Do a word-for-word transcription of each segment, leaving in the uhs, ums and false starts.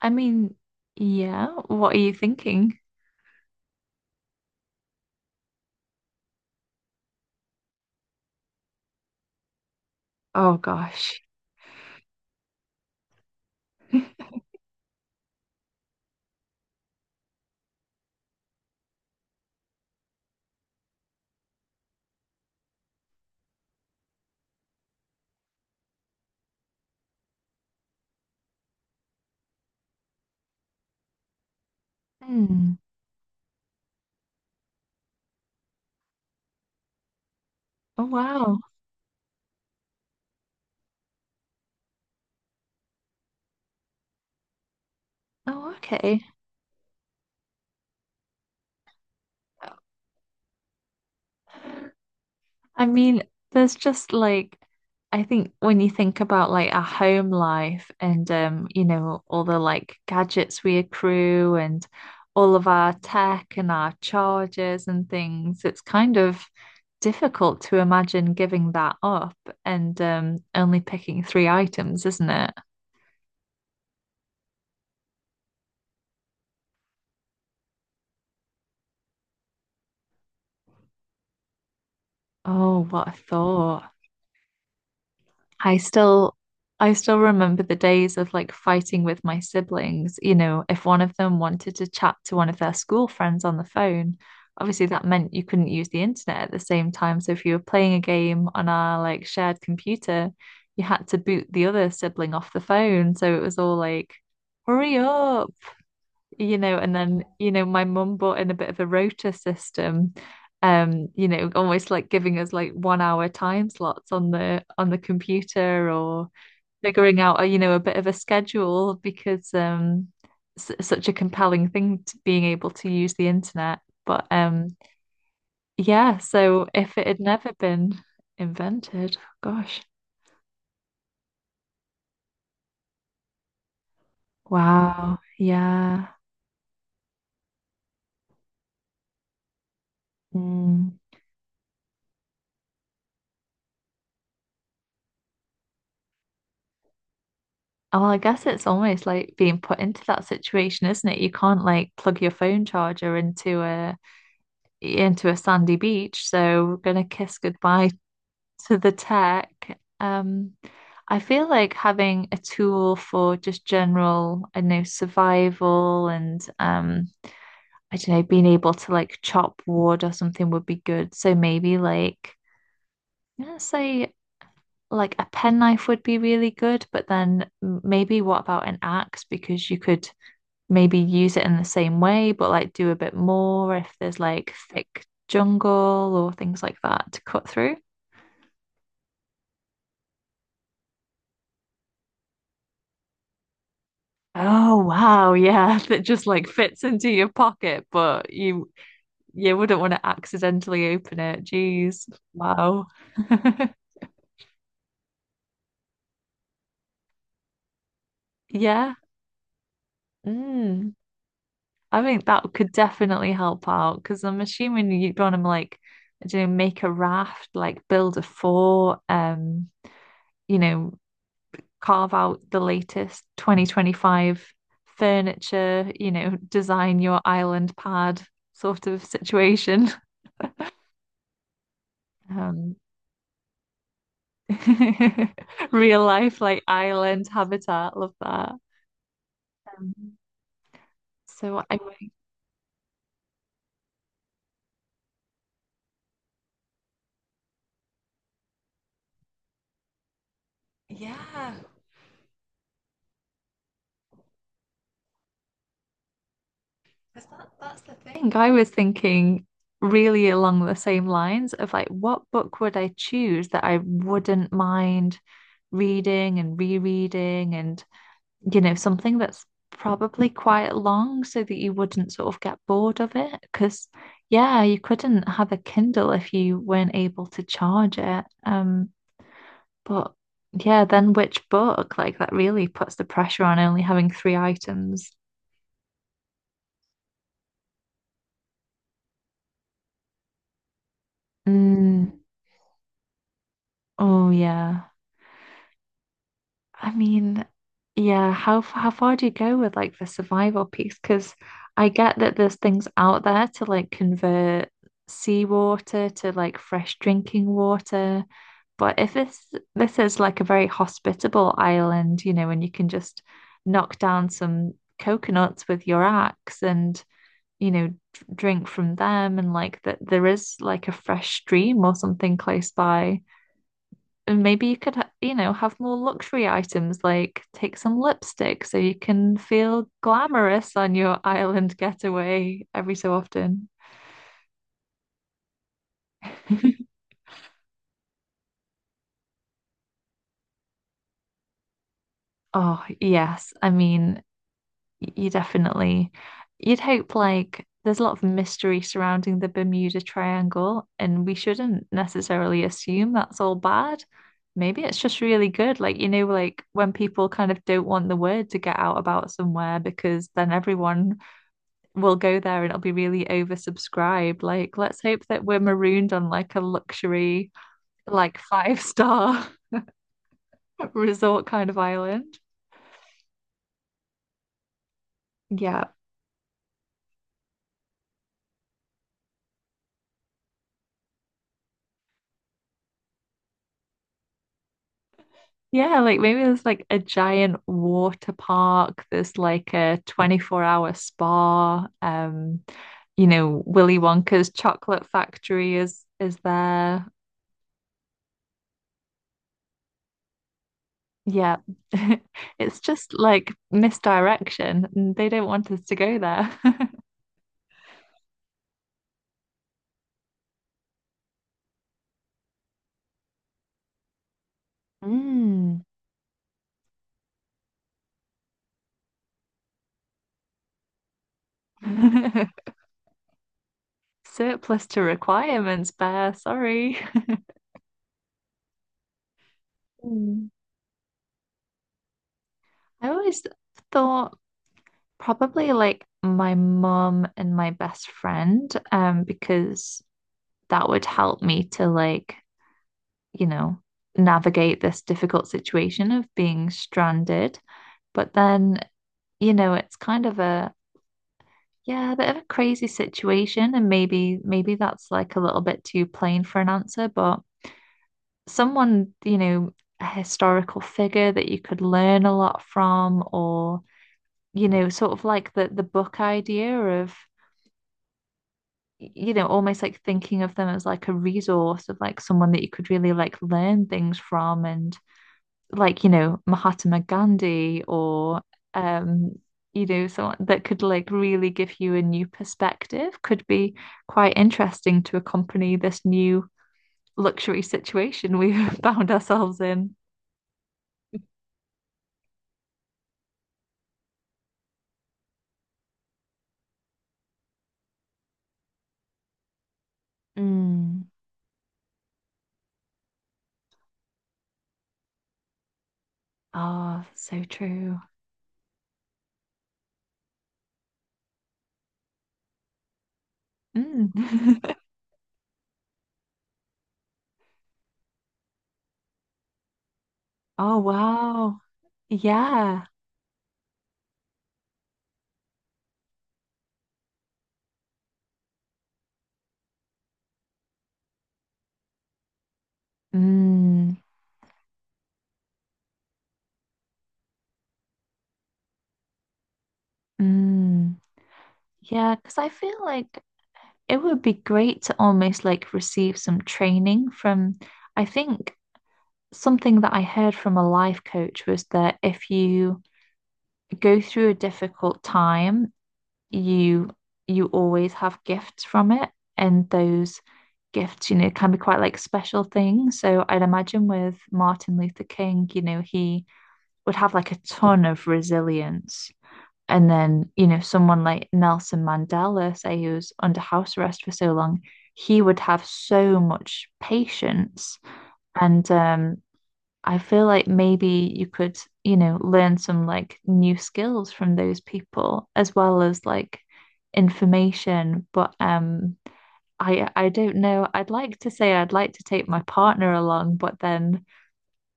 I mean, yeah, what are you thinking? Oh gosh. Hmm. Oh wow. Oh, okay. I mean, there's just like I think when you think about like our home life and um, you know, all the like gadgets we accrue and all of our tech and our chargers and things, it's kind of difficult to imagine giving that up and um only picking three items, isn't it? Oh, what a thought. I still I still remember the days of like fighting with my siblings, you know, if one of them wanted to chat to one of their school friends on the phone. Obviously that meant you couldn't use the internet at the same time. So if you were playing a game on our like shared computer, you had to boot the other sibling off the phone. So it was all like, hurry up, you know, and then, you know, my mum bought in a bit of a rota system, um, you know, almost like giving us like one hour time slots on the on the computer, or figuring out, a, you know, a bit of a schedule because um s such a compelling thing to being able to use the internet. But um yeah, so if it had never been invented, gosh. Wow. Yeah. Mm. Well, I guess it's almost like being put into that situation, isn't it? You can't like plug your phone charger into a into a sandy beach, so we're gonna kiss goodbye to the tech. Um, I feel like having a tool for just general, I know, survival and um, I don't know, being able to like chop wood or something would be good. So maybe like I'm gonna say like a penknife would be really good, but then m- maybe what about an axe? Because you could maybe use it in the same way, but like do a bit more if there's like thick jungle or things like that to cut through. Oh wow, yeah, that just like fits into your pocket, but you you wouldn't want to accidentally open it. Jeez, wow. Yeah. Mm. I think that could definitely help out because I'm assuming you'd want to like, I don't know, make a raft, like build a fort, um, you know, carve out the latest twenty twenty-five furniture, you know, design your island pad sort of situation. Um, real life, like island habitat, love that. Um, so I think I was thinking really along the same lines of like, what book would I choose that I wouldn't mind reading and rereading and you know, something that's probably quite long so that you wouldn't sort of get bored of it. Because, yeah, you couldn't have a Kindle if you weren't able to charge it. Um, but yeah, then which book? Like that really puts the pressure on only having three items. Mm, oh, yeah. I mean, yeah, how f- how far do you go with like the survival piece? Because I get that there's things out there to like convert seawater to like fresh drinking water, but if this this is like a very hospitable island, you know, and you can just knock down some coconuts with your axe and you know d- drink from them, and like that there is like a fresh stream or something close by. And maybe you could, ha- you know, have more luxury items like take some lipstick so you can feel glamorous on your island getaway every so often. Oh, yes. I mean, y- you definitely, you'd hope like there's a lot of mystery surrounding the Bermuda Triangle, and we shouldn't necessarily assume that's all bad. Maybe it's just really good. Like, you know, like when people kind of don't want the word to get out about somewhere because then everyone we'll go there and it'll be really oversubscribed. Like, let's hope that we're marooned on like a luxury, like five star resort kind of island. Yeah. Yeah, like maybe there's like a giant water park. There's like a twenty-four hour spa. Um, you know, Willy Wonka's chocolate factory is is there. Yeah. It's just like misdirection. They don't want us to go there. Mm. Surplus to requirements, bear. Sorry. Mm. I always thought probably like my mum and my best friend, um, because that would help me to like, you know, navigate this difficult situation of being stranded. But then, you know, it's kind of a yeah, a bit of a crazy situation, and maybe maybe that's like a little bit too plain for an answer, but someone, you know, a historical figure that you could learn a lot from, or, you know, sort of like the the book idea of, you know, almost like thinking of them as like a resource of like someone that you could really like learn things from and like, you know, Mahatma Gandhi or um. You know, someone that could like really give you a new perspective could be quite interesting to accompany this new luxury situation we've found ourselves in. Mm. Oh, so true. Mm. Oh, wow. Yeah. Mm. Mm. Yeah, because I feel like it would be great to almost like receive some training from, I think something that I heard from a life coach was that if you go through a difficult time you you always have gifts from it, and those gifts, you know, can be quite like special things. So I'd imagine with Martin Luther King, you know, he would have like a ton of resilience. And then, you know, someone like Nelson Mandela, say he was under house arrest for so long, he would have so much patience and um, I feel like maybe you could, you know, learn some like new skills from those people as well as like information. But um I I don't know. I'd like to say I'd like to take my partner along, but then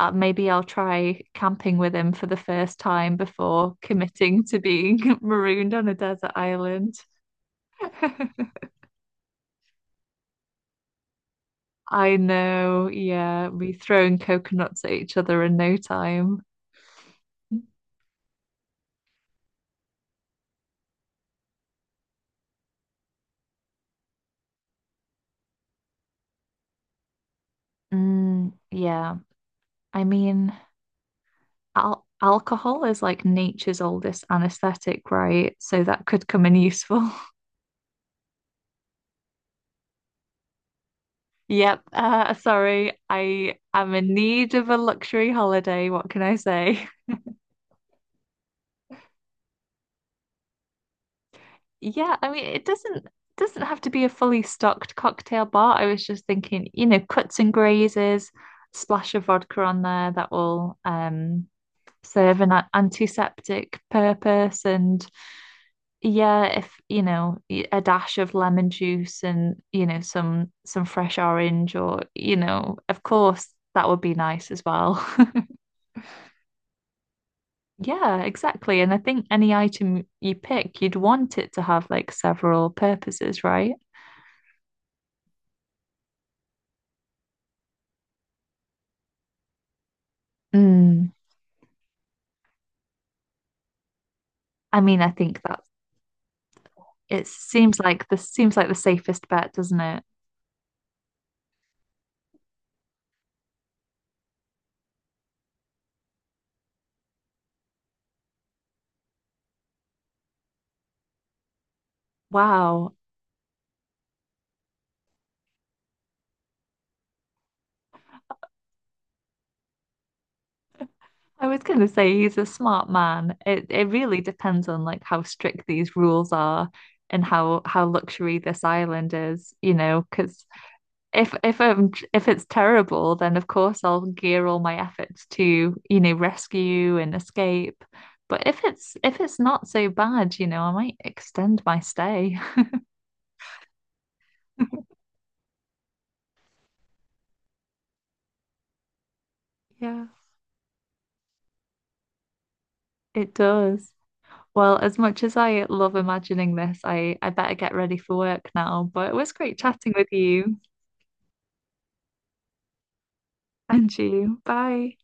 uh, maybe I'll try camping with him for the first time before committing to being marooned on a desert island. I know, yeah, be throwing coconuts at each other in no time. Mm, yeah. I mean, al alcohol is like nature's oldest anesthetic, right? So that could come in useful. Yep. Uh, sorry, I am in need of a luxury holiday. What can I say? Yeah, I mean, it doesn't doesn't have to be a fully stocked cocktail bar. I was just thinking, you know, cuts and grazes, splash of vodka on there that will um serve an a- antiseptic purpose. And yeah, if you know, y- a dash of lemon juice and you know, some some fresh orange or you know, of course, that would be nice as well. Yeah, exactly. And I think any item you pick, you'd want it to have like several purposes, right? Mm. I mean, I think that it seems like the seems like the safest bet, doesn't it? Wow. I was going to say he's a smart man. It it really depends on like how strict these rules are and how how luxury this island is, you know, because if if um if it's terrible, then of course I'll gear all my efforts to, you know, rescue and escape. But if it's if it's not so bad, you know, I might extend my stay. Yeah, it does. Well, as much as I love imagining this, I, I better get ready for work now. But it was great chatting with you and you. Bye.